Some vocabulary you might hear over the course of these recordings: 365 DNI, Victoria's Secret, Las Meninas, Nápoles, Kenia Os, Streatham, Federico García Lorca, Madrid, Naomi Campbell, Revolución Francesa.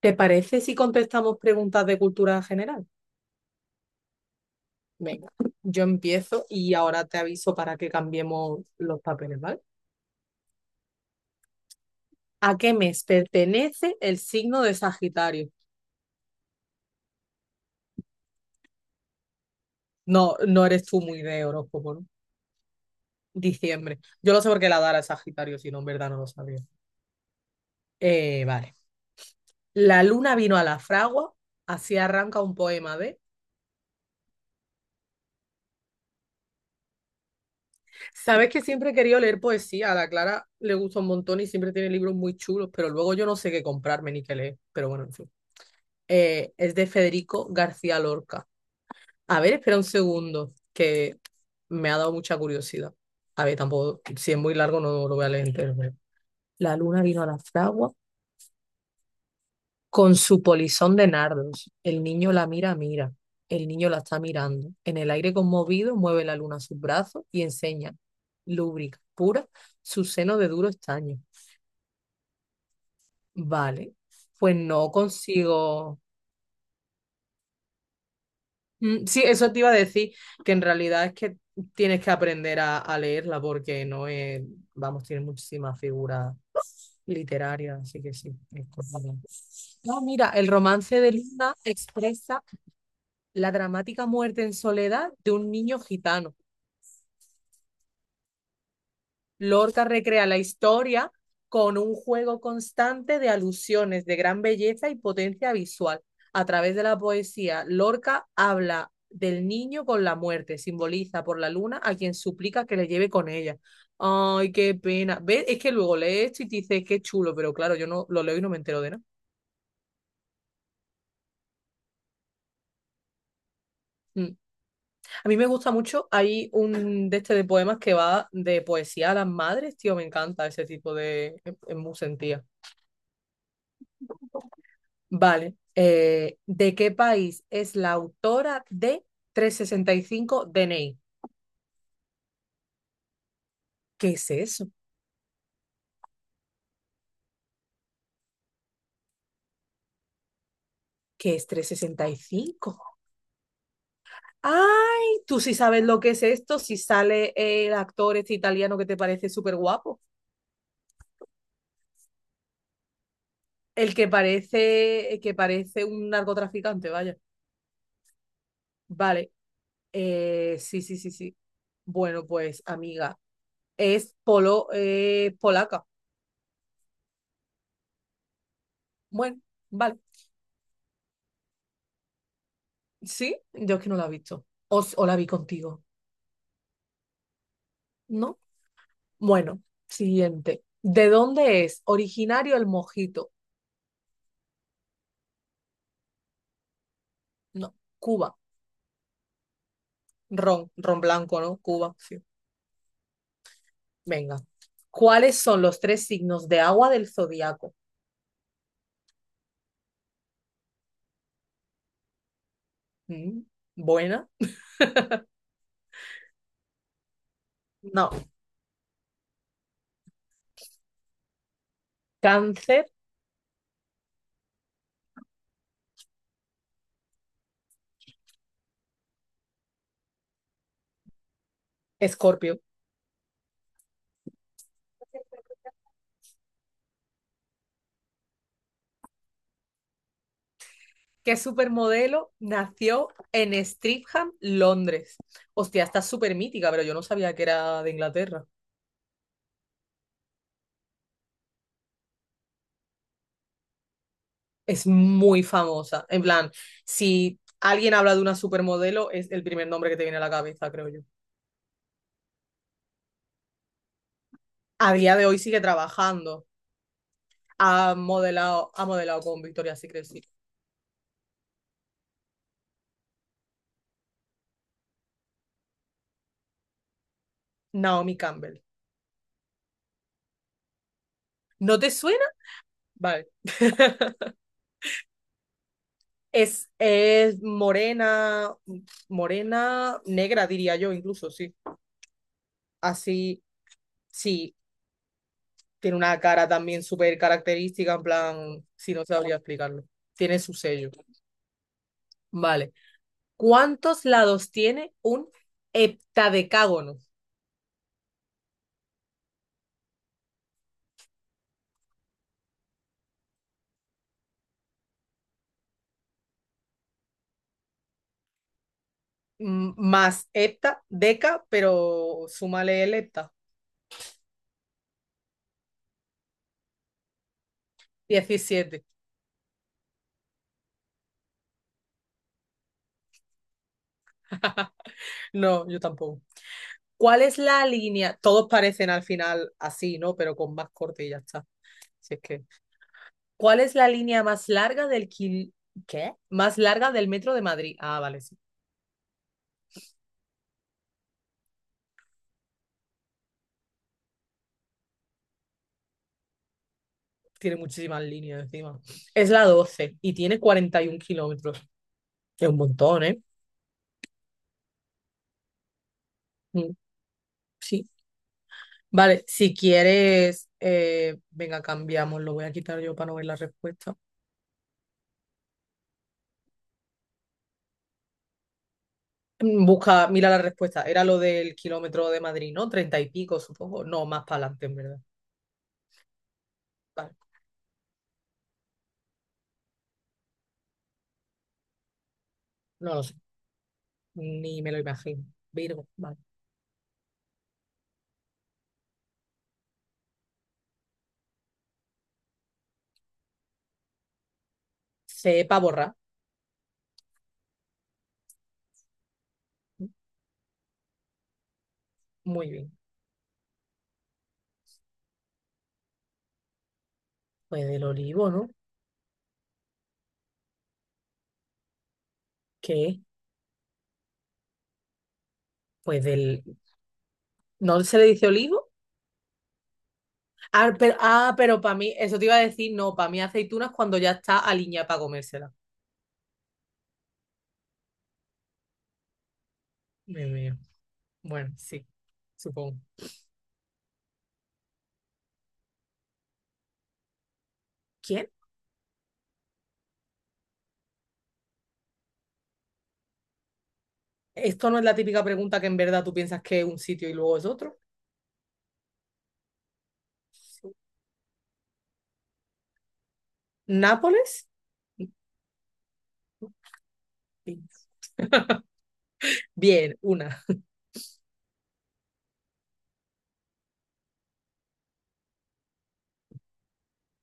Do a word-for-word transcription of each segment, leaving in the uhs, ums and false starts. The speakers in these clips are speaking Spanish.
¿Te parece si contestamos preguntas de cultura general? Venga, yo empiezo y ahora te aviso para que cambiemos los papeles, ¿vale? ¿A qué mes pertenece el signo de Sagitario? No, no eres tú muy de horóscopo, ¿no? Diciembre. Yo lo sé porque la dara es Sagitario, si no, en verdad no lo sabía. Eh, vale. La luna vino a la fragua, así arranca un poema de. Sabes que siempre he querido leer poesía, a la Clara le gusta un montón y siempre tiene libros muy chulos, pero luego yo no sé qué comprarme ni qué leer, pero bueno, en fin. Eh, es de Federico García Lorca. A ver, espera un segundo, que me ha dado mucha curiosidad. A ver, tampoco, si es muy largo no lo voy a leer entero. pero- La luna vino a la fragua con su polizón de nardos. El niño la mira, mira. El niño la está mirando. En el aire conmovido mueve la luna sus brazos y enseña, lúbrica, pura, su seno de duro estaño. Vale, pues no consigo. Mm, Sí, eso te iba a decir, que en realidad es que tienes que aprender a, a leerla porque no es, vamos, tiene muchísimas figuras literarias, así que sí, es complicado. No, mira, el romance de Luna expresa la dramática muerte en soledad de un niño gitano. Lorca recrea la historia con un juego constante de alusiones de gran belleza y potencia visual. A través de la poesía, Lorca habla del niño con la muerte, simboliza por la luna a quien suplica que le lleve con ella. Ay, qué pena. ¿Ves? Es que luego lees esto y te dices, qué chulo, pero claro, yo no lo leo y no me entero de nada. Mm. A mí me gusta mucho, hay un de este de poemas que va de poesía a las madres, tío, me encanta ese tipo de. Es es muy sentía. Vale. Eh, ¿de qué país es la autora de trescientos sesenta y cinco D N I? ¿Qué es eso? ¿Qué es trescientos sesenta y cinco? ¡Ay! Tú sí sabes lo que es esto, si sale el actor este italiano que te parece súper guapo. El que parece, el que parece un narcotraficante, vaya. Vale. Eh, sí, sí, sí, sí. Bueno, pues, amiga, es polo, eh, polaca. Bueno, vale. Sí, yo es que no la he visto. O, o la vi contigo. ¿No? Bueno, siguiente. ¿De dónde es originario el mojito? No, Cuba. Ron, ron blanco, ¿no? Cuba, sí. Venga. ¿Cuáles son los tres signos de agua del zodiaco? Mm, buena. No. Cáncer, Escorpio. ¿Qué supermodelo nació en Streatham, Londres? Hostia, está súper mítica, pero yo no sabía que era de Inglaterra. Es muy famosa. En plan, si alguien habla de una supermodelo, es el primer nombre que te viene a la cabeza, creo yo. A día de hoy sigue trabajando. Ha modelado, ha modelado con Victoria's Secret, sí. Naomi Campbell. ¿No te suena? Vale. Es, es morena, morena, negra diría yo incluso, sí. Así, sí, tiene una cara también súper característica, en plan, si no sabría explicarlo. Tiene su sello. Vale. ¿Cuántos lados tiene un heptadecágono? M- Más hepta, deca, pero súmale el hepta. Diecisiete. No, yo tampoco. ¿Cuál es la línea? Todos parecen al final así, ¿no? Pero con más corte y ya está. Si es que. ¿Cuál es la línea más larga del kil... ¿Qué? Más larga del metro de Madrid. Ah, vale, sí. Tiene muchísimas líneas encima. Es la doce y tiene cuarenta y uno kilómetros. Es un montón, ¿eh? Mm, Sí. Vale, si quieres, eh, venga, cambiamos. Lo voy a quitar yo para no ver la respuesta. Mm, Busca, mira la respuesta. Era lo del kilómetro de Madrid, ¿no? Treinta y pico, supongo. No, más para adelante, en verdad. Vale. No lo sé, ni me lo imagino. Virgo, vale. Cepa borrar. Muy bien. Pues del olivo, ¿no? ¿Qué? Pues del. ¿No se le dice olivo? Ah, pero, ah, pero para mí, eso te iba a decir, no, para mí aceituna es cuando ya está aliñada para comérsela. Dios mío. Bueno, sí, supongo. ¿Quién? Esto no es la típica pregunta que en verdad tú piensas que es un sitio y luego es otro. ¿Nápoles? Sí. Bien, una.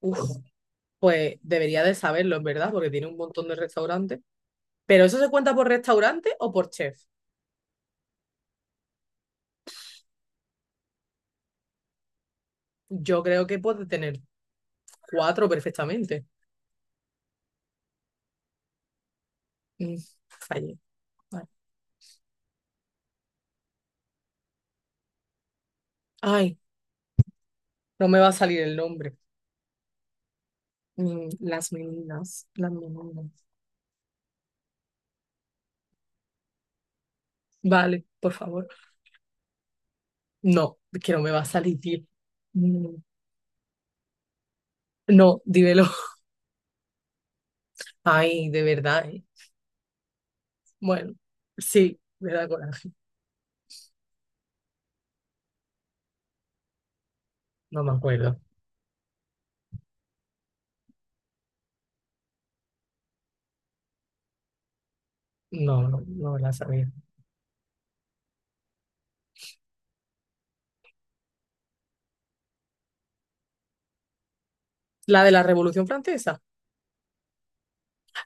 Uf, pues debería de saberlo, en verdad, porque tiene un montón de restaurantes. ¿Pero eso se cuenta por restaurante o por chef? Yo creo que puede tener cuatro perfectamente. Mm, fallé. Vale. Ay, no me va a salir el nombre. Mm, las meninas, las meninas. Vale, por favor. No, es que no me va a salir, tío. Mm, no, dímelo. Ay, de verdad, ¿eh? Bueno, sí, me da coraje. No me acuerdo. No, no, no me la sabía. ¿La de la Revolución Francesa?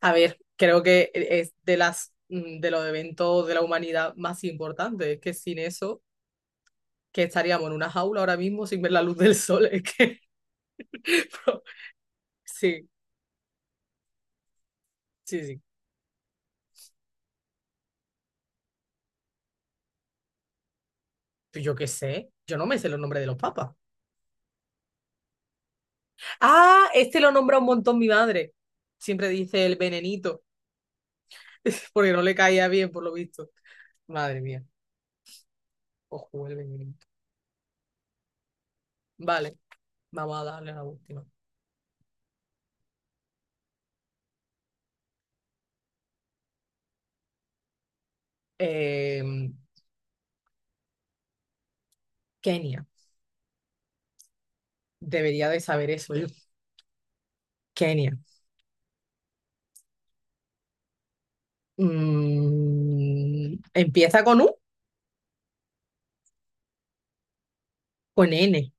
A ver, creo que e, es de las mm, de los eventos de la humanidad más importantes. Es que sin eso, que estaríamos en una jaula ahora mismo sin ver la luz del sol. Es que sí, sí, sí. Pues yo qué sé. Yo no me sé los nombres de los papas. Ah, este lo nombra un montón mi madre. Siempre dice el venenito, porque no le caía bien, por lo visto. Madre mía. Ojo, el venenito. Vale, vamos a darle a la última. Em, Kenia. Debería de saber eso yo. Kenia. Mm, ¿empieza con U? Con N.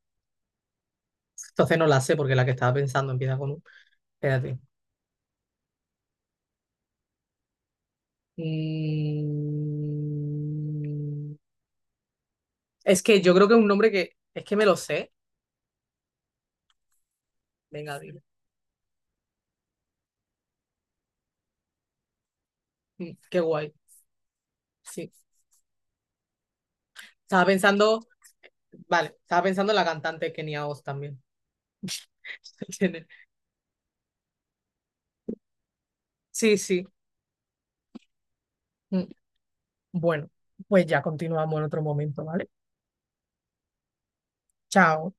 Entonces no la sé porque la que estaba pensando empieza con U. Espérate. Mm, es que yo creo que es un nombre que. Es que me lo sé. Venga, dilo. Mm, qué guay. Sí. Estaba pensando. Vale, estaba pensando en la cantante Kenia Os también. ¿Entiendes? Sí, sí. Mm, Bueno, pues ya continuamos en otro momento, ¿vale? Chao.